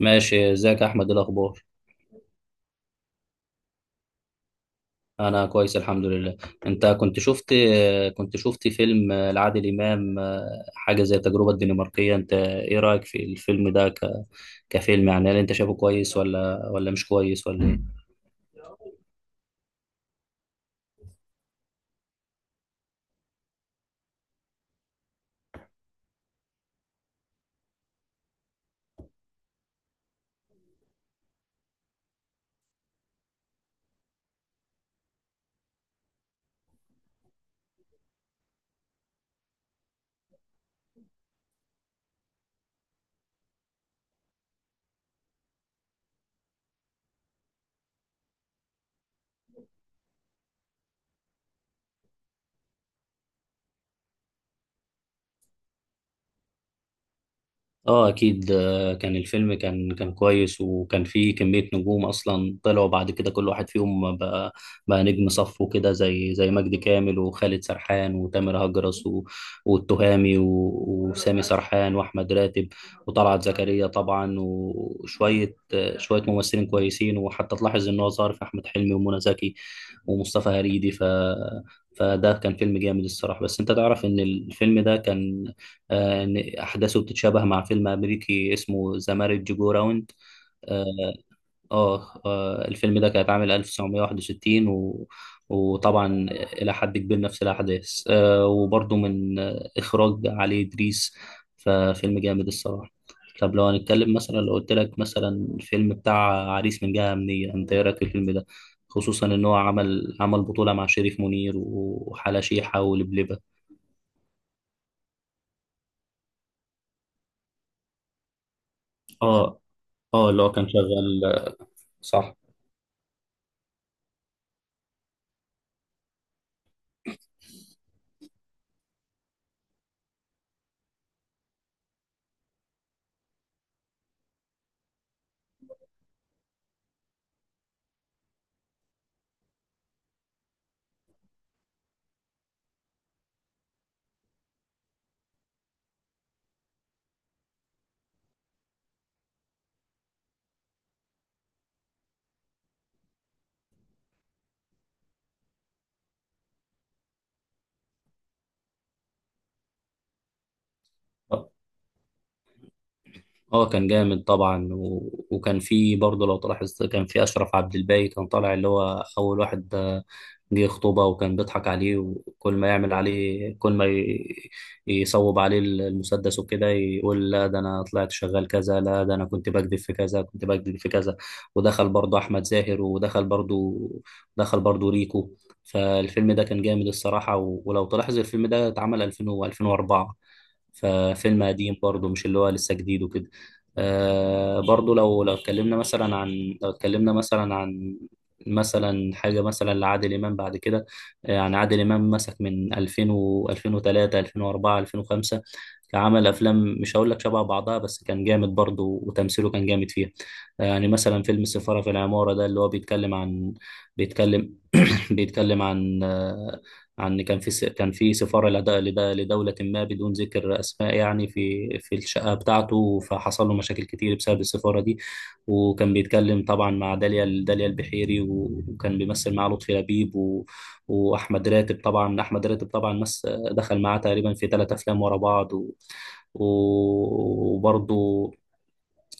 ماشي، ازيك يا احمد؟ إيه الاخبار؟ انا كويس الحمد لله. انت كنت شفت فيلم لعادل امام، حاجه زي التجربه الدنماركيه. انت ايه رايك في الفيلم ده كفيلم، يعني هل انت شايفه كويس ولا مش كويس، ولا إيه؟ اه اكيد. كان الفيلم كان كويس، وكان فيه كمية نجوم اصلا طلعوا بعد كده، كل واحد فيهم بقى نجم صف وكده، زي مجدي كامل، وخالد سرحان، وتامر هجرس، والتهامي، وسامي سرحان، واحمد راتب، وطلعت زكريا طبعا، وشوية آه، شوية ممثلين كويسين، وحتى تلاحظ ان هو ظهر في احمد حلمي ومنى زكي ومصطفى هريدي. فده كان فيلم جامد الصراحة، بس انت تعرف ان الفيلم ده كان، إن أحداثه بتتشابه مع فيلم أمريكي اسمه ذا مارج جو راوند. آه الفيلم ده كان اتعمل 1961، وطبعا إلى حد كبير نفس الأحداث، وبرضه من، إخراج علي إدريس. ففيلم جامد الصراحة. طب لو هنتكلم مثلا، لو قلت لك مثلا، الفيلم بتاع عريس من جهة أمنية، أنت إيه رأيك في الفيلم ده؟ خصوصا إن هو عمل بطولة مع شريف منير وحلا شيحة ولبلبة. اه، اه، اللي هو كان شغال، صح. هو كان جامد طبعا وكان في برضه، لو تلاحظ، كان في اشرف عبد الباقي، كان طالع اللي هو اول واحد جه خطوبه، وكان بيضحك عليه، وكل ما يعمل عليه، كل ما ي... يصوب عليه المسدس وكده، يقول لا ده انا طلعت شغال كذا، لا ده انا كنت بكذب في كذا، كنت بكذب في كذا. ودخل برضه احمد زاهر، ودخل برضه ريكو. فالفيلم ده كان جامد الصراحه، ولو تلاحظ الفيلم ده اتعمل 2000 و 2004، ففيلم قديم برضه، مش اللي هو لسه جديد وكده. برضه لو لو اتكلمنا مثلا عن لو اتكلمنا مثلا عن مثلا حاجة مثلا لعادل إمام بعد كده. يعني عادل إمام مسك من 2000 و 2003، 2004، 2005، عمل أفلام مش هقول لك شبه بعضها، بس كان جامد برضه وتمثيله كان جامد فيها. يعني مثلا فيلم السفارة في العمارة ده اللي هو بيتكلم عن، بيتكلم بيتكلم عن آه، عن كان في س- كان في سفارة لدولة ما بدون ذكر أسماء، يعني في الشقة بتاعته، فحصل له مشاكل كتير بسبب السفارة دي. وكان بيتكلم طبعا مع داليا البحيري، وكان بيمثل مع لطفي لبيب، وأحمد راتب طبعا أحمد راتب طبعا، دخل معاه تقريبا في 3 أفلام ورا بعض، وبرضه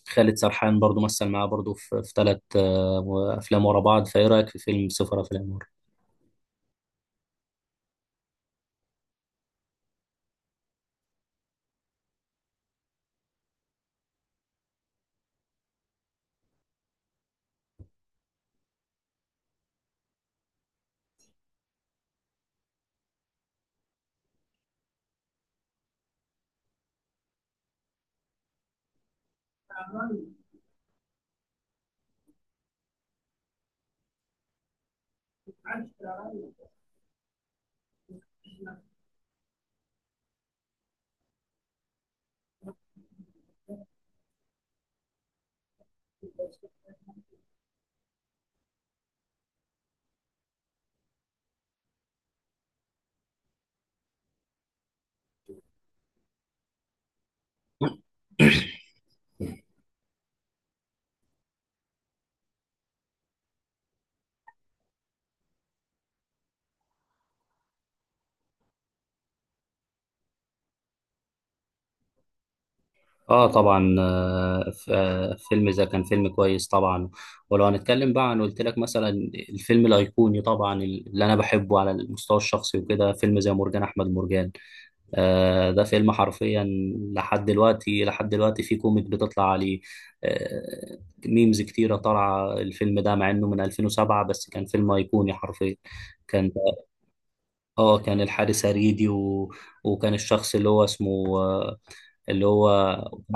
خالد سرحان برضه مثل معاه برضه في 3 أفلام ورا بعض. فإيه رأيك في فيلم سفارة في العمارة؟ اه طبعا. فيلم اذا كان فيلم كويس طبعا. ولو هنتكلم بقى عن، قلت لك مثلا، الفيلم الايقوني طبعا اللي انا بحبه على المستوى الشخصي وكده، فيلم زي مرجان احمد مرجان. ده فيلم حرفيا، لحد دلوقتي في كوميك بتطلع عليه، آه ميمز كتيرة طالعة الفيلم ده، مع انه من 2007، بس كان فيلم ايقوني حرفيا. كان اه كان الحارس هريدي، وكان الشخص اللي هو اسمه، اللي هو،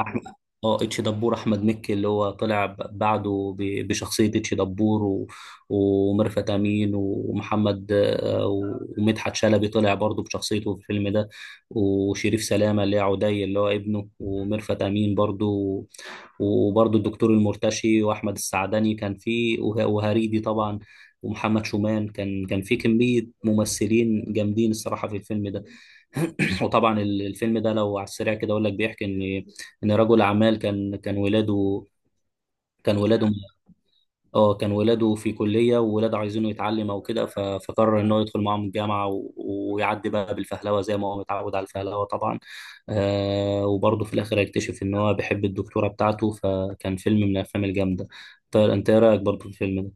احمد، اه اتش دبور، احمد مكي اللي هو طلع بعده بشخصيه اتش دبور، وميرفت امين، ومحمد، ومدحت شلبي طلع برضه بشخصيته في الفيلم ده، وشريف سلامه اللي هي عدي اللي هو ابنه، وميرفت امين برضه، وبرضه الدكتور المرتشي، واحمد السعدني كان فيه، وهريدي طبعا، ومحمد شومان. كان في كمية ممثلين جامدين الصراحة في الفيلم ده. وطبعا الفيلم ده، لو على السريع كده اقول لك، بيحكي ان رجل اعمال، كان ولاده اه كان ولاده في كلية، وولاده عايزينه يتعلم او كده، فقرر ان هو يدخل معاهم الجامعة، ويعدي بقى بالفهلوة، زي ما هو متعود على الفهلوة طبعا. وبرضه في الاخر هيكتشف ان هو بيحب الدكتورة بتاعته، فكان فيلم من الافلام الجامدة. طيب انت ايه رايك برضه في الفيلم؟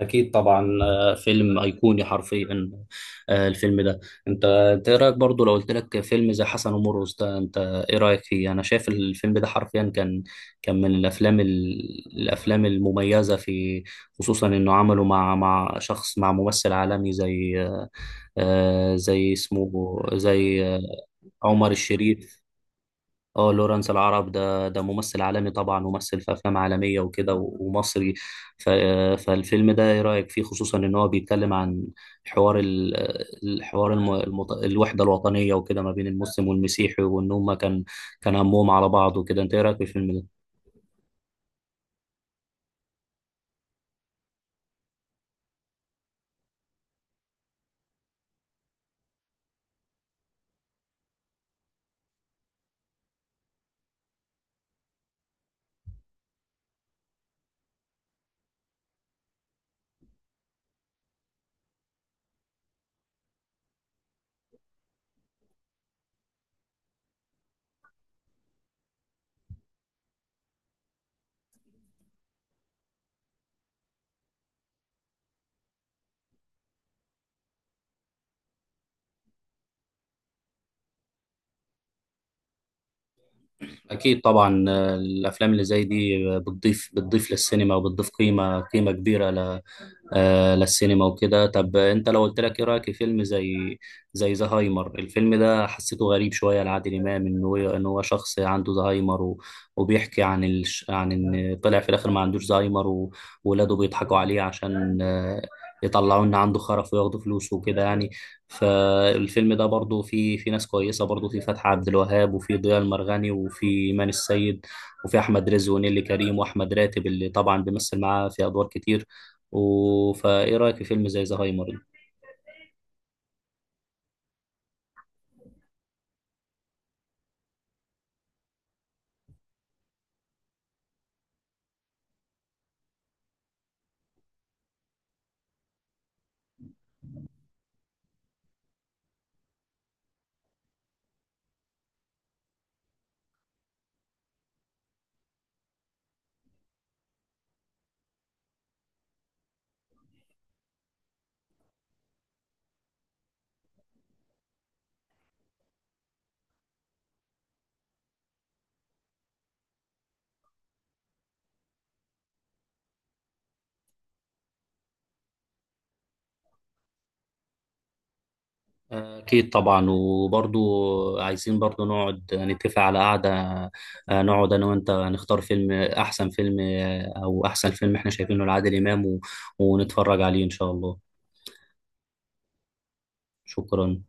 أكيد طبعا. فيلم أيقوني حرفيا، الفيلم ده. أنت إيه رأيك برضو لو قلت لك فيلم زي حسن ومرقص ده، أنت إيه رأيك فيه؟ أنا شايف الفيلم ده حرفيا كان، كان من الأفلام، الأفلام المميزة، في خصوصا إنه عمله مع شخص، مع ممثل عالمي زي، آه، زي اسمه زي آه، عمر الشريف. اه، لورانس العرب، ده ممثل عالمي طبعا، ممثل في افلام عالميه وكده، ومصري. ف- فالفيلم ده ايه رايك فيه؟ خصوصا ان هو بيتكلم عن، حوار ال- الحوار، الوحده الوطنيه وكده، ما بين المسلم والمسيحي، وان هم كان همهم على بعض وكده. انت ايه رايك في الفيلم ده؟ اكيد طبعا. الافلام اللي زي دي بتضيف للسينما، وبتضيف قيمه كبيره للسينما وكده. طب انت لو قلت لك ايه رايك في فيلم زي زهايمر؟ الفيلم ده حسيته غريب شويه لعادل امام، ان هو شخص عنده زهايمر، وبيحكي عن عن ان طلع في الاخر ما عندوش زهايمر، وولاده بيضحكوا عليه عشان يطلعوا ان عنده خرف وياخدوا فلوسه وكده يعني. فالفيلم ده برضو فيه، في ناس كويسه برضو، في فتحي عبد الوهاب، وفي ضياء المرغني، وفي ايمان السيد، وفي احمد رزق، ونيلي كريم، واحمد راتب اللي طبعا بيمثل معاه في ادوار كتير، فايه رايك في فيلم زي زهايمر ده؟ اكيد طبعا. وبرضو عايزين برضو نقعد نتفق على قعده، نقعد انا وانت نختار فيلم، احسن فيلم، او احسن فيلم احنا شايفينه لعادل امام، ونتفرج عليه ان شاء الله. شكرا.